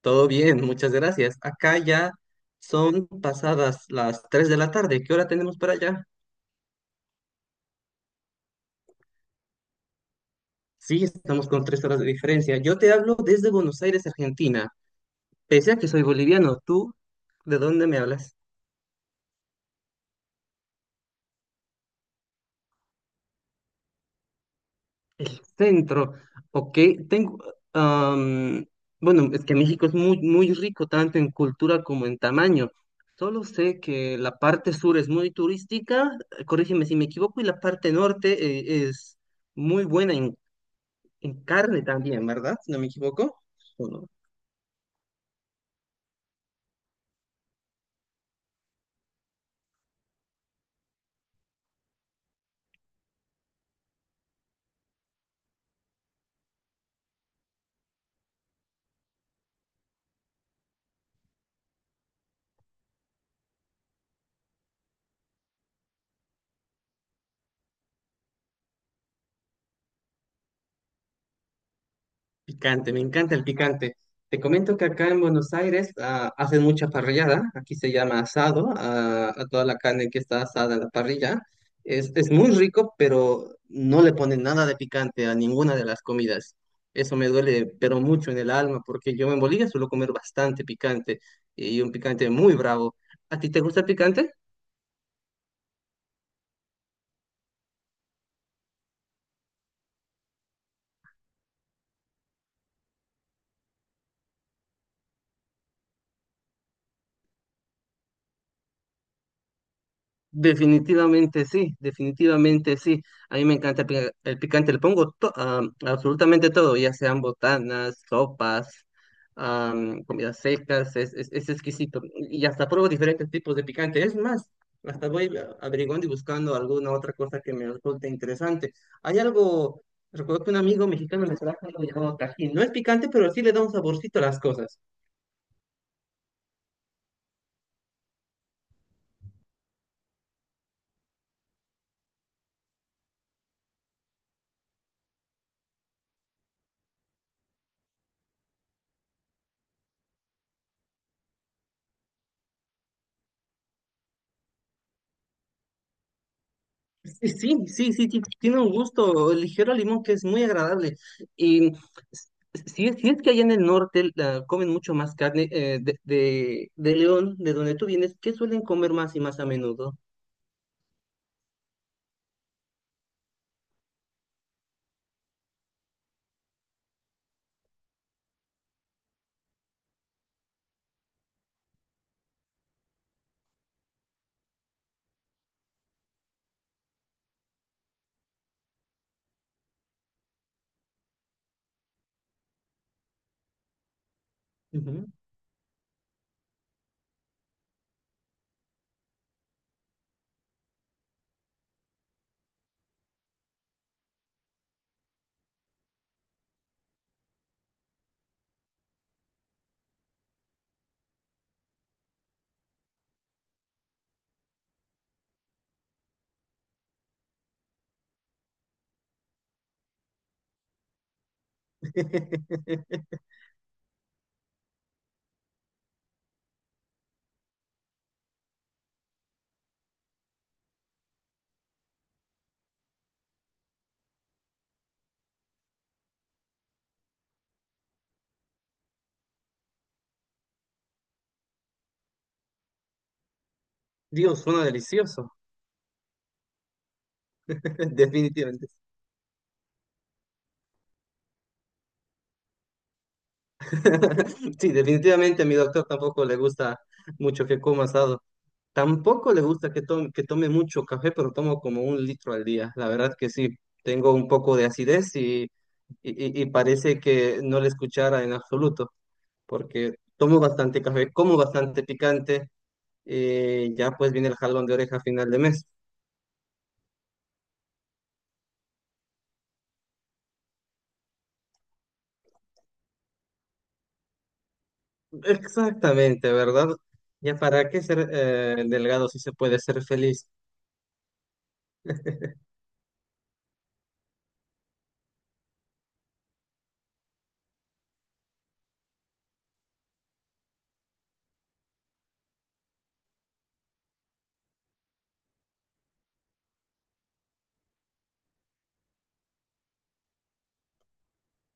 Todo bien, muchas gracias. Acá ya son pasadas las 3 de la tarde. ¿Qué hora tenemos para allá? Sí, estamos con 3 horas de diferencia. Yo te hablo desde Buenos Aires, Argentina. Pese a que soy boliviano, ¿tú de dónde me hablas? El centro. Ok. tengo... am, bueno, es que México es muy, muy rico tanto en cultura como en tamaño. Solo sé que la parte sur es muy turística, corrígeme si me equivoco, y la parte norte es muy buena en. En carne también, ¿verdad? Si no me equivoco. ¿O no? Picante, me encanta el picante. Te comento que acá en Buenos Aires hacen mucha parrillada. Aquí se llama asado, ah, a toda la carne que está asada en la parrilla. Es muy rico, pero no le ponen nada de picante a ninguna de las comidas. Eso me duele, pero mucho en el alma, porque yo en Bolivia suelo comer bastante picante y un picante muy bravo. ¿A ti te gusta el picante? Definitivamente sí, definitivamente sí. A mí me encanta el picante, le pongo a absolutamente todo, ya sean botanas, sopas, comidas secas, es exquisito. Y hasta pruebo diferentes tipos de picante. Es más, hasta averiguando y buscando alguna otra cosa que me resulte interesante. Hay algo, recuerdo que un amigo mexicano me trajo algo llamado Tajín. No es picante, pero sí le da un saborcito a las cosas. Sí, sí, sí, sí, tiene un gusto ligero al limón que es muy agradable. Y s- si es, si es que allá en el norte la, comen mucho más carne de León, de donde tú vienes, ¿qué suelen comer más y más a menudo? Ujú. Dios, suena delicioso. Definitivamente. Sí, definitivamente a mi doctor tampoco le gusta mucho que coma asado. Tampoco le gusta que tome mucho café, pero tomo como un litro al día. La verdad que sí, tengo un poco de acidez y, y parece que no le escuchara en absoluto, porque tomo bastante café, como bastante picante, y ya pues viene el jalón de oreja a final de mes. Exactamente, ¿verdad? Ya para qué ser delgado si se puede ser feliz.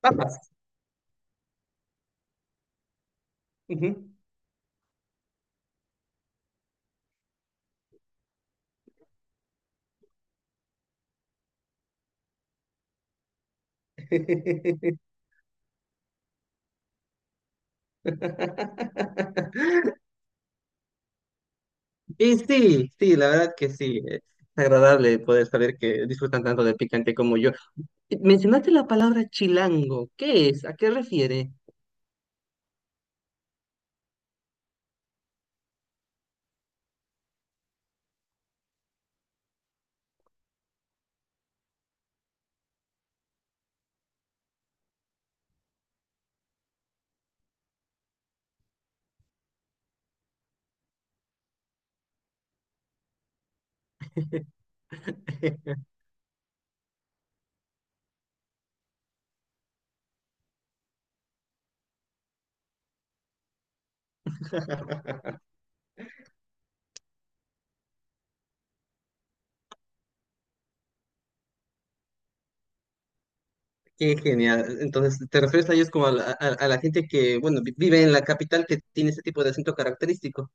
Papas. Ujú. Y sí, sí, la verdad que sí. Es agradable poder saber que disfrutan tanto del picante como yo. Mencionaste la palabra chilango. ¿Qué es? ¿A qué refiere? Qué genial. Entonces, ¿te refieres a ellos como a la gente que, bueno, vive en la capital que tiene ese tipo de acento característico?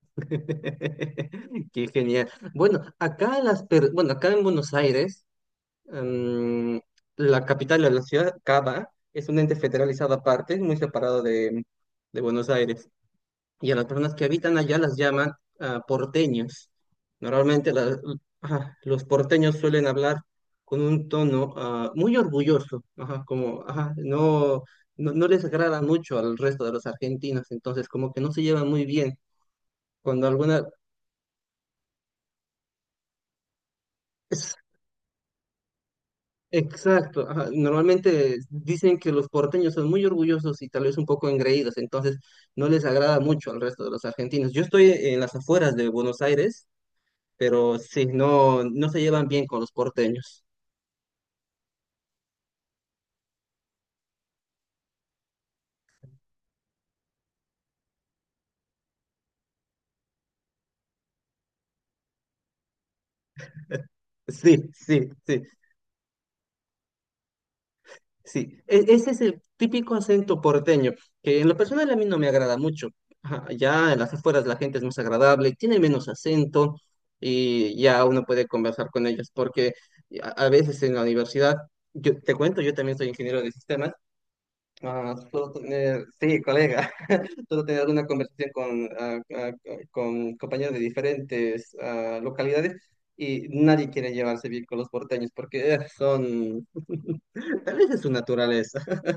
Qué genial. Bueno, acá acá en Buenos Aires, mm, la capital de la ciudad, Cava, es un ente federalizado aparte, muy separado de Buenos Aires, y a las personas que habitan allá las llaman porteños. Normalmente ajá, los porteños suelen hablar con un tono muy orgulloso, ajá, como ajá, no, no, no les agrada mucho al resto de los argentinos, entonces como que no se llevan muy bien cuando alguna... es- exacto, ajá, normalmente dicen que los porteños son muy orgullosos y tal vez un poco engreídos, entonces no les agrada mucho al resto de los argentinos. Yo estoy en las afueras de Buenos Aires, pero sí, no, no se llevan bien con los porteños. Sí, sí, sí, sí. Ese es el típico acento porteño, que en lo personal a mí no me agrada mucho. Ajá, ya en las afueras la gente es más agradable, tiene menos acento y ya uno puede conversar con ellos, porque a veces en la universidad, yo te cuento, yo también soy ingeniero de sistemas. Ah, solo tener, sí, colega, solo tener una conversación con, con compañeros de diferentes localidades, y nadie quiere llevarse bien con los porteños porque son, tal vez es su naturaleza.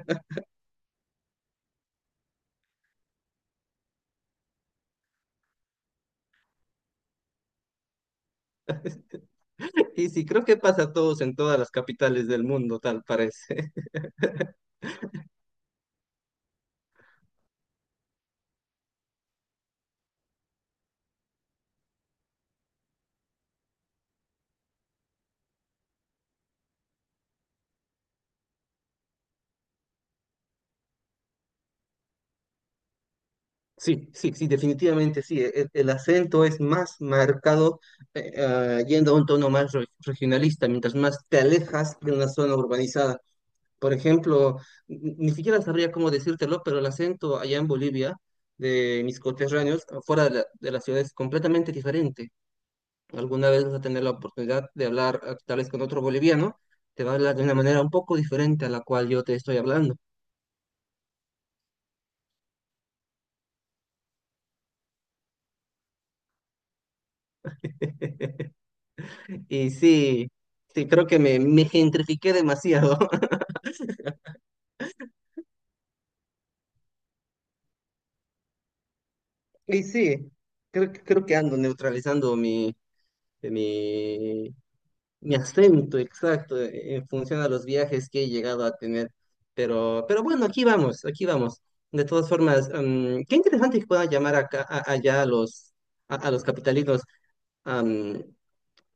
Y sí, creo que pasa a todos en todas las capitales del mundo, tal parece. Sí, sí, sí, definitivamente sí. El acento es más marcado yendo a un tono más regionalista, mientras más te alejas de una zona urbanizada. Por ejemplo, ni siquiera sabría cómo decírtelo, pero el acento allá en Bolivia de mis coterráneos fuera de la ciudad es completamente diferente. Alguna vez vas a tener la oportunidad de hablar tal vez con otro boliviano, te va a hablar de una manera un poco diferente a la cual yo te estoy hablando. Y sí, sí, creo que me gentrifiqué demasiado. Y sí, creo que ando neutralizando mi, Mi acento, exacto, en función a los viajes que he llegado a tener. Pero bueno, aquí vamos, aquí vamos. De todas formas, qué interesante que puedan llamar allá a los, a los capitalinos. am,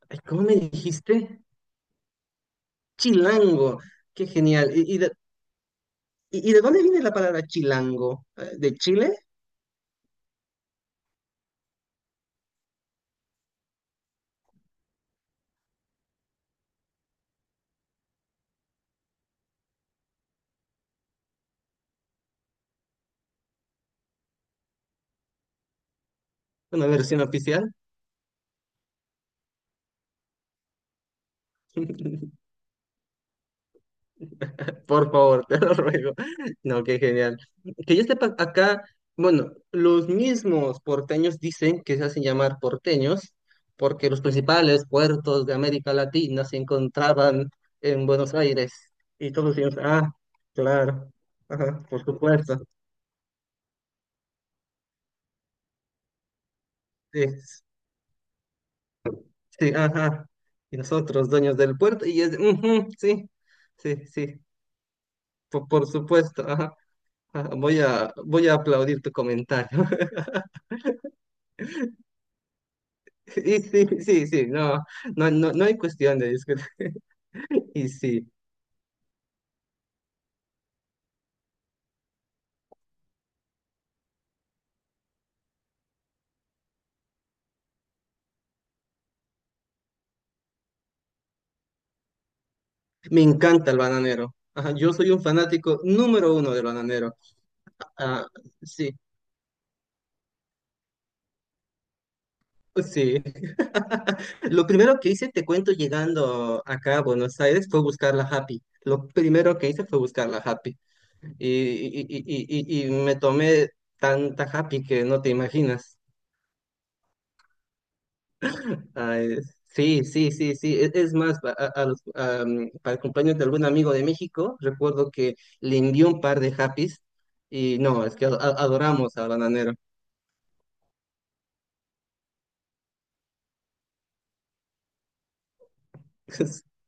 Ay, ¿cómo me dijiste? Chilango, qué genial. ¿Y de dónde viene la palabra chilango? ¿De Chile? ¿Una versión oficial? Por favor, te lo ruego. No, qué genial. Que yo sepa, acá, bueno, los mismos porteños dicen que se hacen llamar porteños porque los principales puertos de América Latina se encontraban en Buenos Aires. Y todos decían, ah, claro, ajá, por supuesto. Sí, sí, ajá. Y nosotros, dueños del puerto, y es, de, "Ujú, sí, sí, sí, por supuesto, ajá, ajá, Voy a aplaudir tu comentario. Y sí, sí, sí, no, no, no, no hay cuestión de discutir. Y sí, me encanta el bananero. Ajá, yo soy un fanático número uno del bananero. Ah, sí, sí. Lo primero que hice, te cuento, llegando acá a Buenos Aires fue buscar la Happy. Lo primero que hice fue buscar la Happy. Y me tomé tanta Happy que no te imaginas. Ah, sí, sí, sí, sí. Es más, pa- a los- a, mm, para el cumpleaños de algún amigo de México, recuerdo que le envió un par de happies y no, es que adoramos al bananero.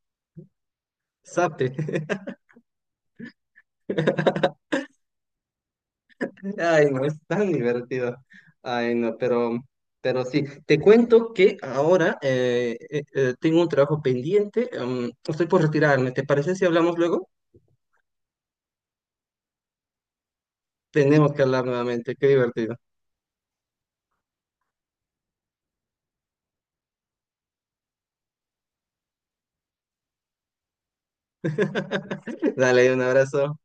Sape. Ay, no, es tan divertido. Ay, no, pero, sí. Te cuento que ahora tengo un trabajo pendiente. Estoy por retirarme. ¿Te parece si hablamos luego? Tenemos que hablar nuevamente. Qué divertido. Dale, un abrazo.